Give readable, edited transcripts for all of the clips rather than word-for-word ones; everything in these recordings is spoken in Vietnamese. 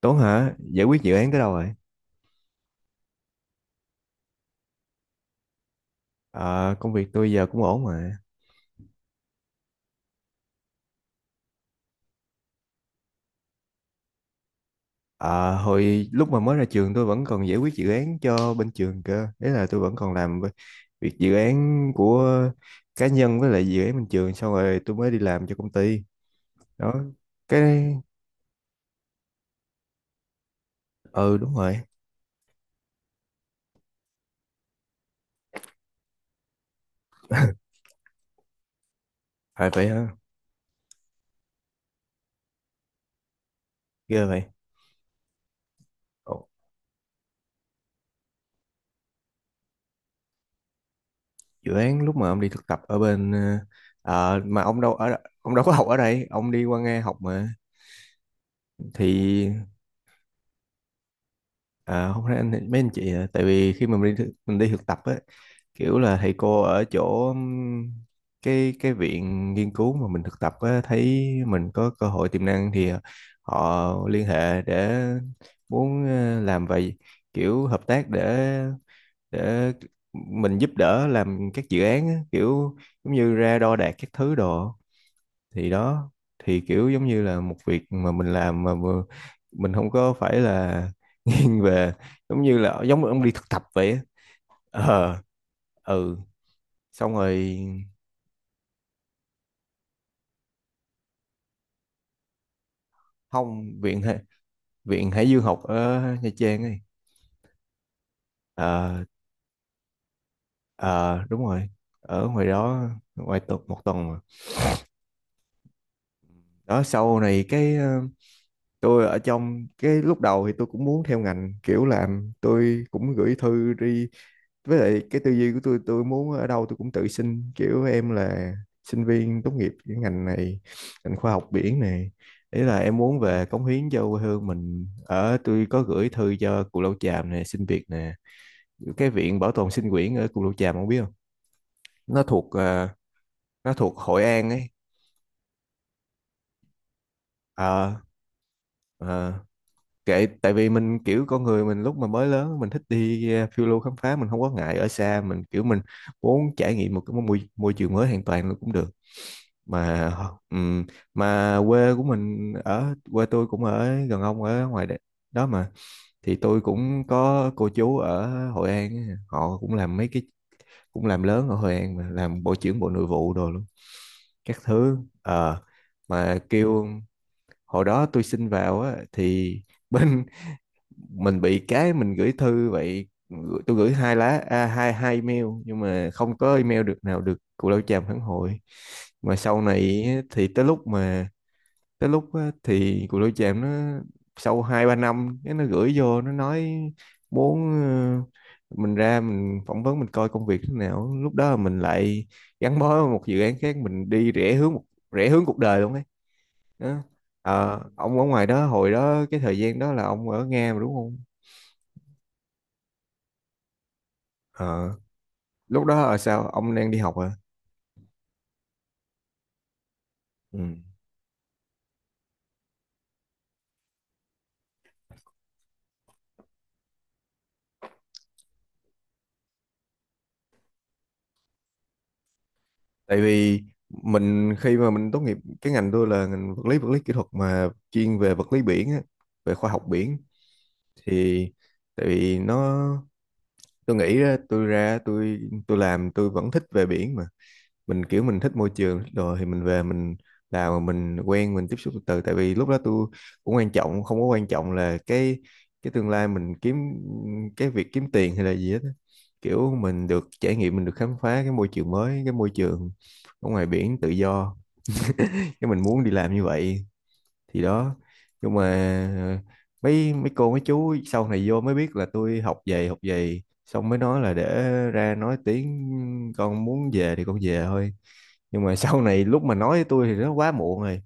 Tuấn hả? Giải quyết dự án tới đâu rồi? Ờ, công việc tôi giờ cũng ổn mà. Ờ, hồi lúc mà mới ra trường tôi vẫn còn giải quyết dự án cho bên trường cơ. Đấy là tôi vẫn còn làm việc dự án của cá nhân với lại dự án bên trường xong rồi tôi mới đi làm cho công ty. Đó. Cái ừ, đúng rồi. Phải vậy hả? Ghê vậy. Ồ, dự án lúc mà ông đi thực tập ở bên mà ông đâu có học ở đây, ông đi qua Nga học mà thì. À, không phải mấy anh chị à, tại vì khi mà mình đi thực tập á, kiểu là thầy cô ở chỗ cái viện nghiên cứu mà mình thực tập á, thấy mình có cơ hội tiềm năng thì họ liên hệ để muốn làm vậy, kiểu hợp tác để mình giúp đỡ làm các dự án á, kiểu giống như ra đo đạc các thứ đồ thì đó, thì kiểu giống như là một việc mà mình làm mà mình không có phải là nghiêng về, giống như ông đi thực tập vậy á. Ờ, ừ, xong rồi. Không, viện Hải Dương học ở Nha Trang ấy. Ờ, ờ, đúng rồi. Ở ngoài đó ngoài tuần một tuần mà đó. Sau này cái tôi ở trong cái lúc đầu thì tôi cũng muốn theo ngành, kiểu làm tôi cũng gửi thư đi, với lại cái tư duy của tôi muốn ở đâu tôi cũng tự xin, kiểu em là sinh viên tốt nghiệp cái ngành này, ngành khoa học biển này, ý là em muốn về cống hiến cho quê hương mình ở, tôi có gửi thư cho Cù Lao Chàm nè, xin việc nè, cái viện bảo tồn sinh quyển ở Cù Lao Chàm không biết không, nó thuộc ờ, nó thuộc Hội An ấy. Ờ, ờ, kệ, tại vì mình kiểu con người mình lúc mà mới lớn mình thích đi phiêu lưu khám phá, mình không có ngại ở xa, mình kiểu mình muốn trải nghiệm một cái môi trường mới hoàn toàn cũng được mà. ừm, mà quê của mình ở, quê tôi cũng ở gần ông, ở ngoài đó mà, thì tôi cũng có cô chú ở Hội An ấy, họ cũng làm mấy cái cũng làm lớn ở Hội An mà, làm bộ trưởng bộ nội vụ đồ luôn các thứ. Ờ, mà kêu hồi đó tôi xin vào á, thì bên mình bị cái, mình gửi thư vậy, tôi gửi hai lá à, hai hai email nhưng mà không có email được nào được Cù Lao Chàm phản hồi, mà sau này thì tới lúc á, thì cuộc đối chạm nó sau hai ba năm, cái nó gửi vô nó nói muốn mình ra mình phỏng vấn mình coi công việc thế nào, lúc đó mình lại gắn bó với một dự án khác, mình đi rẽ hướng cuộc đời luôn ấy, đó. Ờ, ông ở ngoài đó, hồi đó cái thời gian đó là ông ở Nga mà đúng không? Ờ, lúc đó sao ông đang đi học à? Ừ. Tại vì mình khi mà mình tốt nghiệp cái ngành tôi là ngành vật lý, vật lý kỹ thuật mà chuyên về vật lý biển á, về khoa học biển thì tại vì nó tôi nghĩ ra tôi làm tôi vẫn thích về biển mà, mình kiểu mình thích môi trường rồi thì mình về mình làm mà mình quen mình tiếp xúc từ từ, tại vì lúc đó tôi cũng quan trọng, không có quan trọng là cái tương lai mình kiếm, cái việc kiếm tiền hay là gì hết á. Kiểu mình được trải nghiệm mình được khám phá cái môi trường mới, cái môi trường ở ngoài biển tự do, cái mình muốn đi làm như vậy thì đó, nhưng mà ờ, mấy mấy cô mấy chú sau này vô mới biết là tôi học về xong mới nói là để ra nói tiếng, con muốn về thì con về thôi, nhưng mà sau này lúc mà nói với tôi thì nó quá muộn rồi,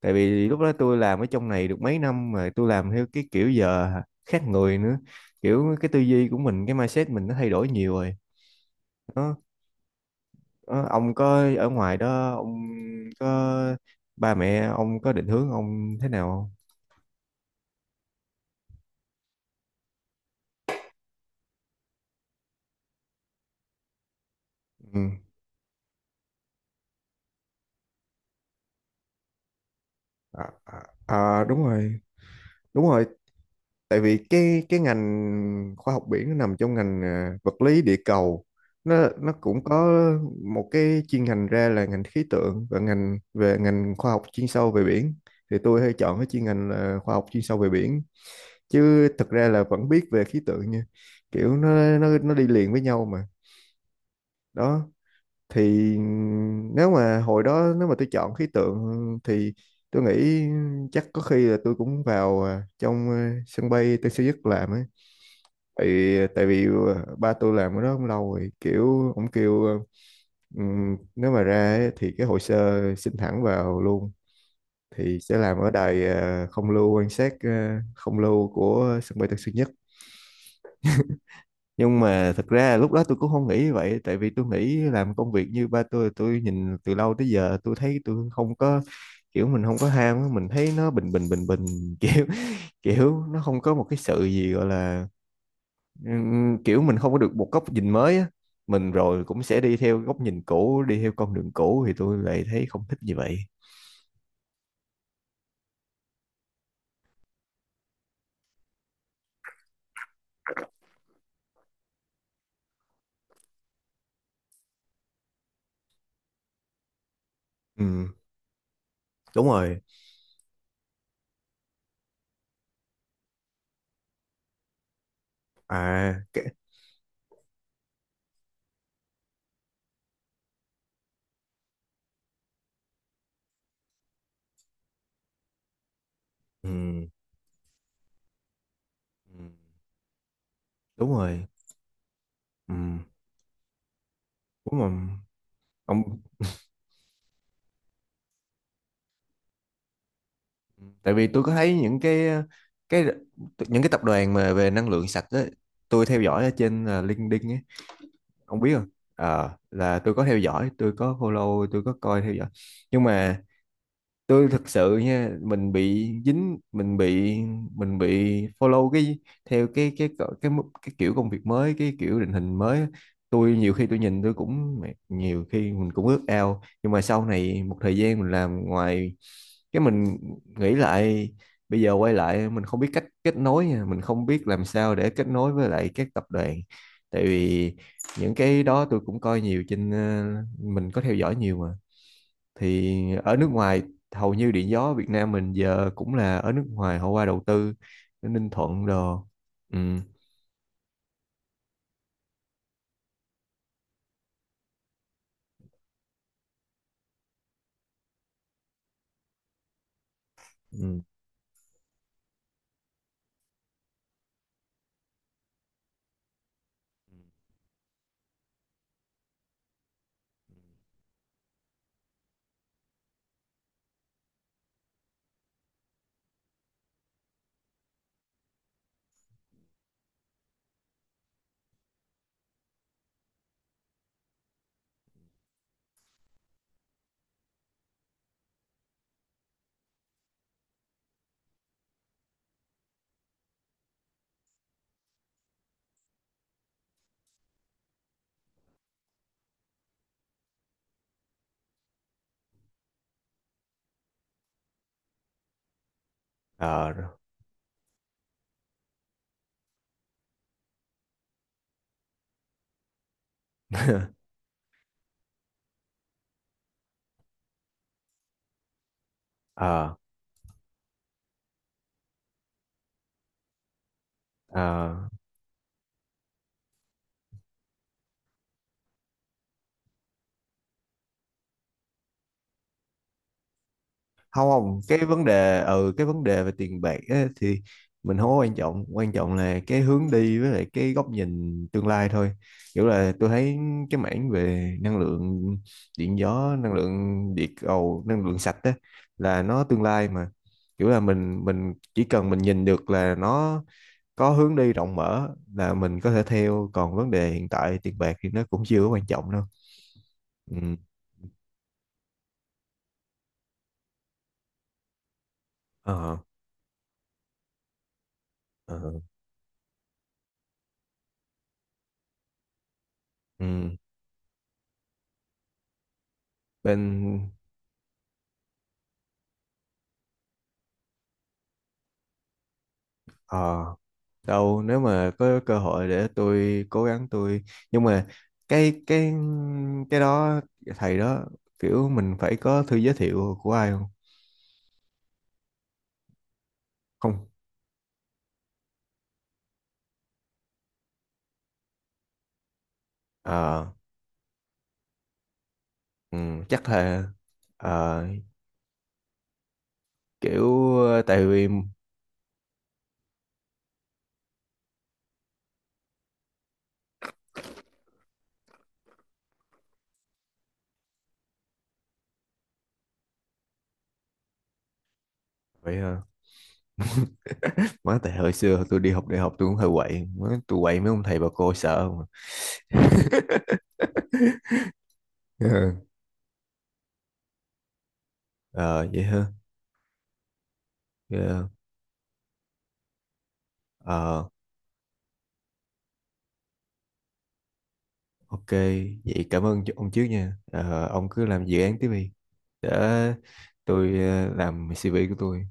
tại vì lúc đó tôi làm ở trong này được mấy năm mà tôi làm theo cái kiểu giờ khác người nữa, kiểu cái tư duy của mình, cái mindset mình nó thay đổi nhiều rồi, nó ông có ở ngoài đó, ông có ba mẹ ông có định hướng ông thế nào không? Ừ. À, à, à, đúng rồi, đúng rồi, tại vì cái ngành khoa học biển nó nằm trong ngành vật lý địa cầu, nó cũng có một cái chuyên ngành ra là ngành khí tượng và ngành khoa học chuyên sâu về biển, thì tôi hay chọn cái chuyên ngành là khoa học chuyên sâu về biển chứ thực ra là vẫn biết về khí tượng nha, kiểu nó đi liền với nhau mà đó. Thì nếu mà hồi đó nếu mà tôi chọn khí tượng thì tôi nghĩ chắc có khi là tôi cũng vào trong sân bay Tân Sơn Nhất làm ấy, tại tại vì ba tôi làm ở đó cũng lâu rồi, kiểu ông kêu nếu mà ra ấy, thì cái hồ sơ xin thẳng vào luôn, thì sẽ làm ở đài không lưu, quan sát không lưu của sân bay Tân Sơn Nhất, nhưng mà thật ra lúc đó tôi cũng không nghĩ như vậy, tại vì tôi nghĩ làm công việc như ba tôi nhìn từ lâu tới giờ, tôi thấy tôi không có, kiểu mình không có ham á, mình thấy nó bình bình bình bình, kiểu kiểu nó không có một cái sự gì gọi là kiểu mình không có được một góc nhìn mới á, mình rồi cũng sẽ đi theo góc nhìn cũ đi theo con đường cũ, thì tôi lại thấy không thích như vậy. Ừ, đúng rồi. À, ừ. Ừ, đúng rồi, ừ, đúng rồi ông, tại vì tôi có thấy những cái những cái tập đoàn mà về năng lượng sạch đó, tôi theo dõi ở trên LinkedIn ấy, ông biết không. Ờ, là tôi có theo dõi, tôi có follow, tôi có coi theo dõi, nhưng mà tôi thật sự nha, mình bị dính, mình bị follow cái, theo cái kiểu công việc mới, cái kiểu định hình mới á. Tôi nhiều khi tôi nhìn tôi cũng mẹ, nhiều khi mình cũng ước ao, nhưng mà sau này một thời gian mình làm ngoài, cái mình nghĩ lại, bây giờ quay lại mình không biết cách kết nối nha, mình không biết làm sao để kết nối với lại các tập đoàn, tại vì những cái đó tôi cũng coi nhiều trên mình có theo dõi nhiều mà, thì ở nước ngoài, hầu như điện gió Việt Nam mình giờ cũng là ở nước ngoài họ qua đầu tư ở Ninh Thuận đồ. Ừ, ừ, ờ. Rồi. Ờ, ờ, không không cái vấn đề ừ cái vấn đề về tiền bạc á, thì mình không có quan trọng là cái hướng đi với lại cái góc nhìn tương lai thôi kiểu là tôi thấy cái mảng về năng lượng điện gió năng lượng địa cầu năng lượng sạch á là nó tương lai mà kiểu là mình chỉ cần mình nhìn được là nó có hướng đi rộng mở là mình có thể theo còn vấn đề hiện tại tiền bạc thì nó cũng chưa có quan trọng đâu ừ. ờ ờ, ừ. bên Ờ, Đâu nếu mà có cơ hội để tôi cố gắng tôi, nhưng mà cái cái cái đó, thầy đó, kiểu mình phải có thư giới thiệu của ai không? Không. Ờ, ừ, chắc là ờ, kiểu tại vì vậy hả? Má, tại hồi xưa tôi đi học đại học tôi cũng hơi quậy, Má, tôi quậy mấy ông thầy bà cô sợ mà. Ờ, vậy hả? Ờ, Ok, vậy cảm ơn ông trước nha. Ờ, ông cứ làm dự án tiếp đi. Để tôi làm CV của tôi.